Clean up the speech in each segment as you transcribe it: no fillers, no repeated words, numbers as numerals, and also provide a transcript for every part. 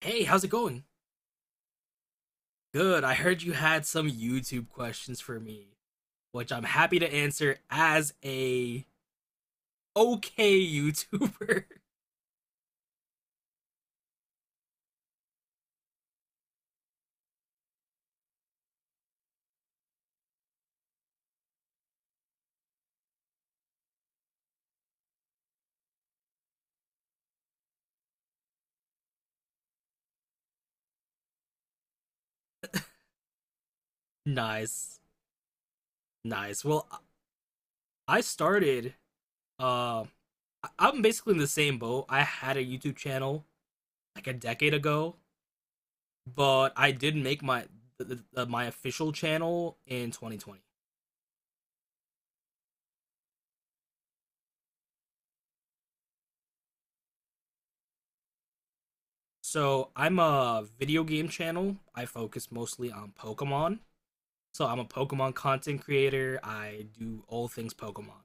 Hey, how's it going? Good. I heard you had some YouTube questions for me, which I'm happy to answer as a okay YouTuber. nice. Nice. Well, started uh am basically in the same boat. I had a YouTube channel like a decade ago, but I did make th- th- my official channel in 2020. So, I'm a video game channel. I focus mostly on Pokemon. So I'm a Pokemon content creator. I do all things Pokemon.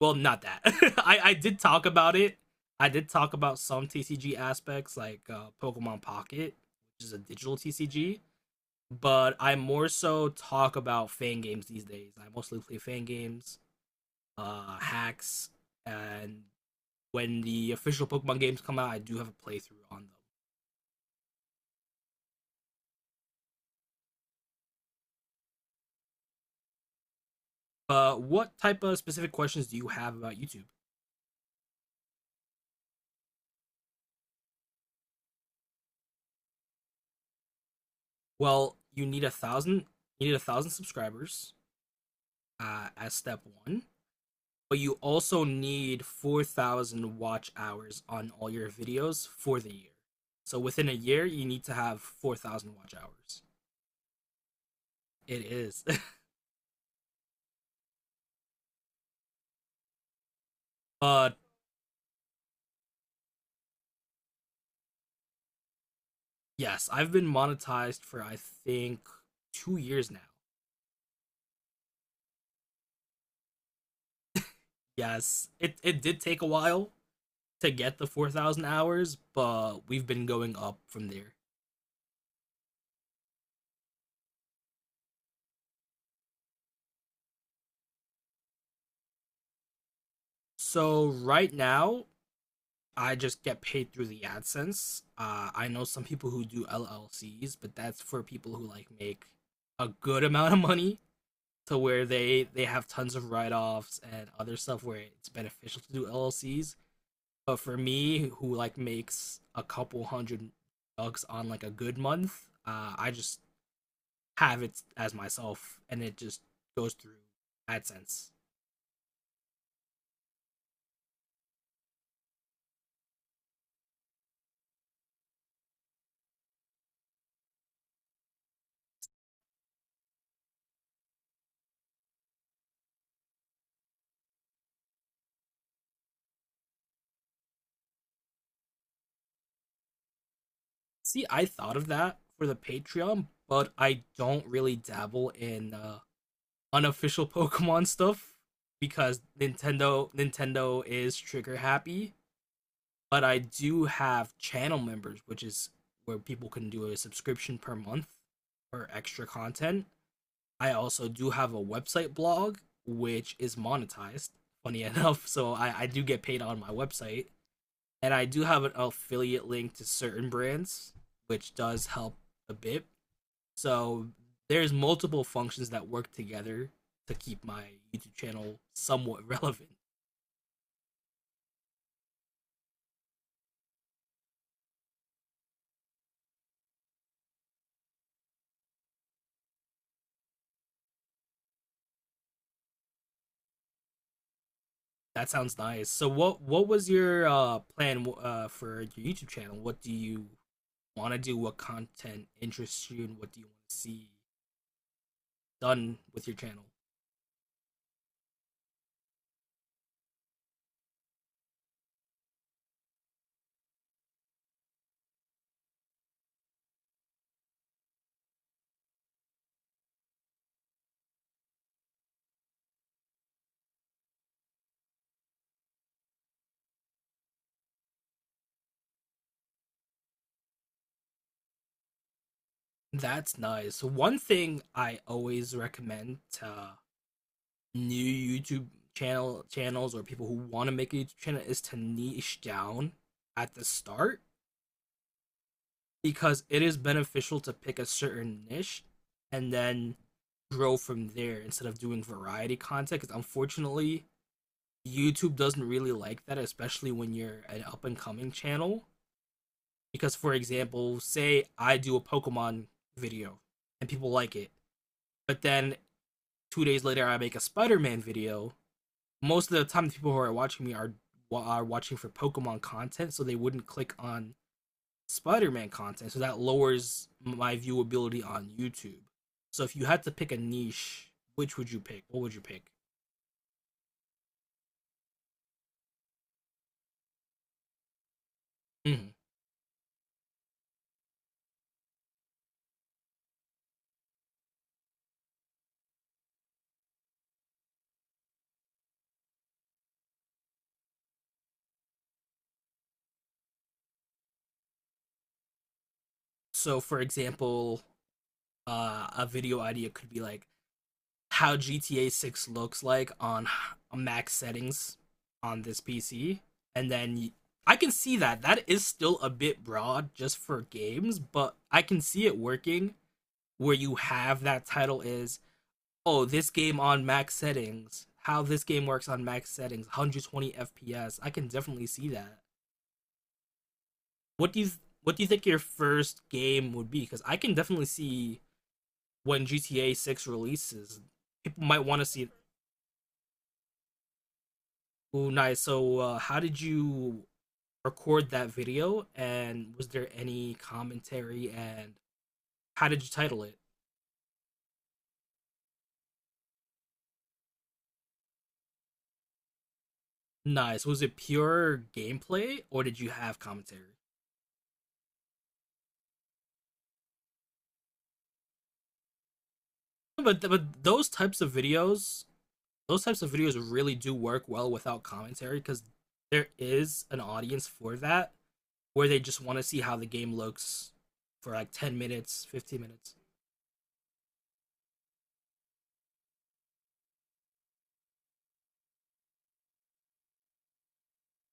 Well, not that. I did talk about it. I did talk about some TCG aspects like Pokemon Pocket, which is a digital TCG. But I more so talk about fan games these days. I mostly play fan games, hacks, and when the official Pokemon games come out, I do have a playthrough on them. But what type of specific questions do you have about YouTube? Well, you need a thousand. You need a thousand subscribers, as step one, but you also need 4,000 watch hours on all your videos for the year. So within a year, you need to have 4,000 watch hours. It is. But yes, I've been monetized for I think 2 years now. Yes, it did take a while to get the 4,000 hours, but we've been going up from there. So right now, I just get paid through the AdSense. I know some people who do LLCs, but that's for people who like make a good amount of money to where they have tons of write-offs and other stuff where it's beneficial to do LLCs. But for me, who like makes a couple hundred bucks on like a good month, I just have it as myself, and it just goes through AdSense. See, I thought of that for the Patreon, but I don't really dabble in. Unofficial Pokemon stuff because Nintendo is trigger happy, but I do have channel members, which is where people can do a subscription per month for extra content. I also do have a website blog which is monetized, funny enough, so I do get paid on my website. And I do have an affiliate link to certain brands, which does help a bit so there's multiple functions that work together to keep my YouTube channel somewhat relevant. That sounds nice. So what was your plan for your YouTube channel? What do you want to do? What content interests you, and what do you want to see done with your channel? That's nice. So one thing I always recommend to new YouTube channels or people who want to make a YouTube channel is to niche down at the start because it is beneficial to pick a certain niche and then grow from there instead of doing variety content. Because unfortunately, YouTube doesn't really like that, especially when you're an up and coming channel. Because, for example, say I do a Pokemon video and people like it, but then 2 days later I make a Spider Man video. Most of the time, the people who are watching me are watching for Pokemon content, so they wouldn't click on Spider-Man content, so that lowers my viewability on YouTube. So if you had to pick a niche, which would you pick? What would you pick? Mhm. So for example, a video idea could be like how GTA 6 looks like on max settings on this PC, and then I can see that that is still a bit broad just for games, but I can see it working where you have that title is oh, this game on max settings, how this game works on max settings, 120 FPS. I can definitely see that. What do you what do you think your first game would be? Because I can definitely see when GTA 6 releases, people might want to see it. Ooh, nice. So, how did you record that video? And was there any commentary? And how did you title it? Nice. Was it pure gameplay or did you have commentary? But those types of videos really do work well without commentary because there is an audience for that where they just want to see how the game looks for like 10 minutes, 15 minutes.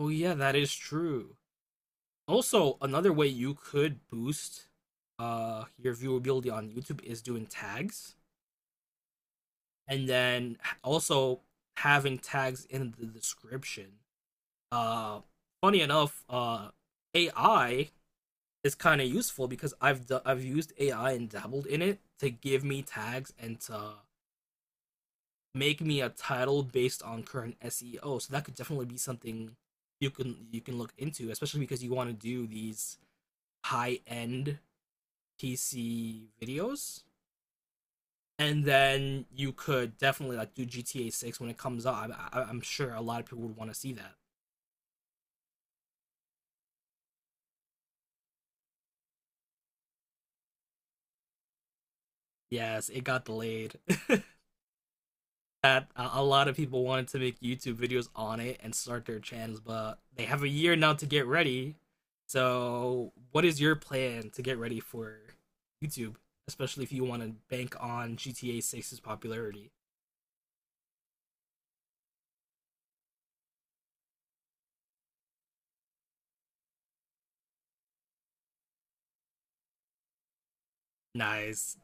Oh yeah, that is true. Also, another way you could boost your viewability on YouTube is doing tags and then also having tags in the description. Uh Funny enough, AI is kind of useful because I've used AI and dabbled in it to give me tags and to make me a title based on current SEO. So that could definitely be something you can look into, especially because you want to do these high end PC videos. And then you could definitely like do GTA 6 when it comes out. I'm sure a lot of people would want to see that. Yes, it got delayed. That a lot of people wanted to make YouTube videos on it and start their channels, but they have a year now to get ready. So, what is your plan to get ready for YouTube, especially if you want to bank on GTA 6's popularity? Nice.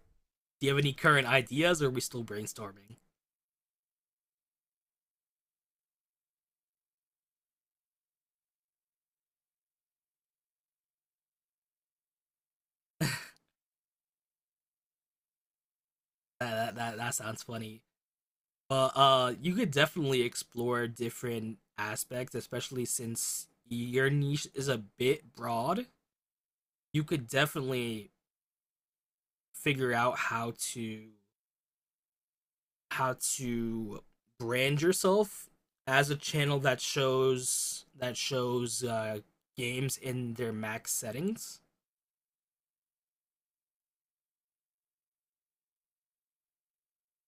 Do you have any current ideas, or are we still brainstorming? That sounds funny. But you could definitely explore different aspects, especially since your niche is a bit broad. You could definitely figure out how to brand yourself as a channel that shows games in their max settings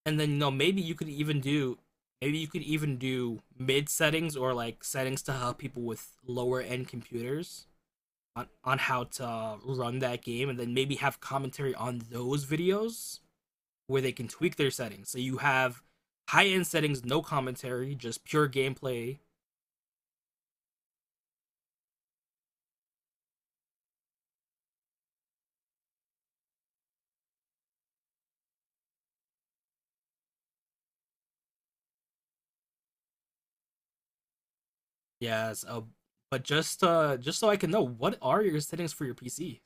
and then maybe you could even do mid settings or like settings to help people with lower end computers on how to run that game and then maybe have commentary on those videos where they can tweak their settings so you have high end settings no commentary just pure gameplay. Yes, but just so I can know, what are your settings for your PC?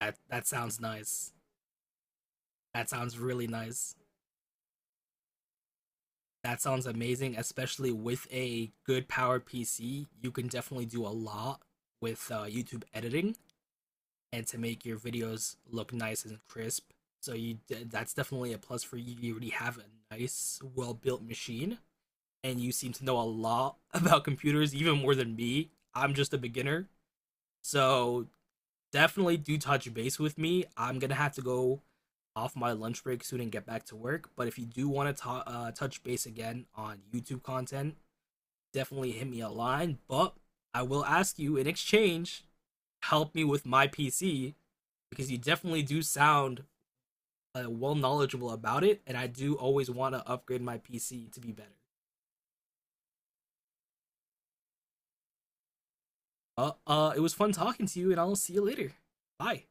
That sounds nice. That sounds really nice. That sounds amazing, especially with a good powered PC. You can definitely do a lot with YouTube editing and to make your videos look nice and crisp. So that's definitely a plus for you. You already have a nice, well built machine, and you seem to know a lot about computers, even more than me. I'm just a beginner, so definitely do touch base with me. I'm gonna have to go off my lunch break soon and get back to work. But if you do want to touch base again on YouTube content, definitely hit me a line. But I will ask you in exchange, help me with my PC because you definitely do sound well knowledgeable about it, and I do always want to upgrade my PC to be better. It was fun talking to you, and I'll see you later. Bye.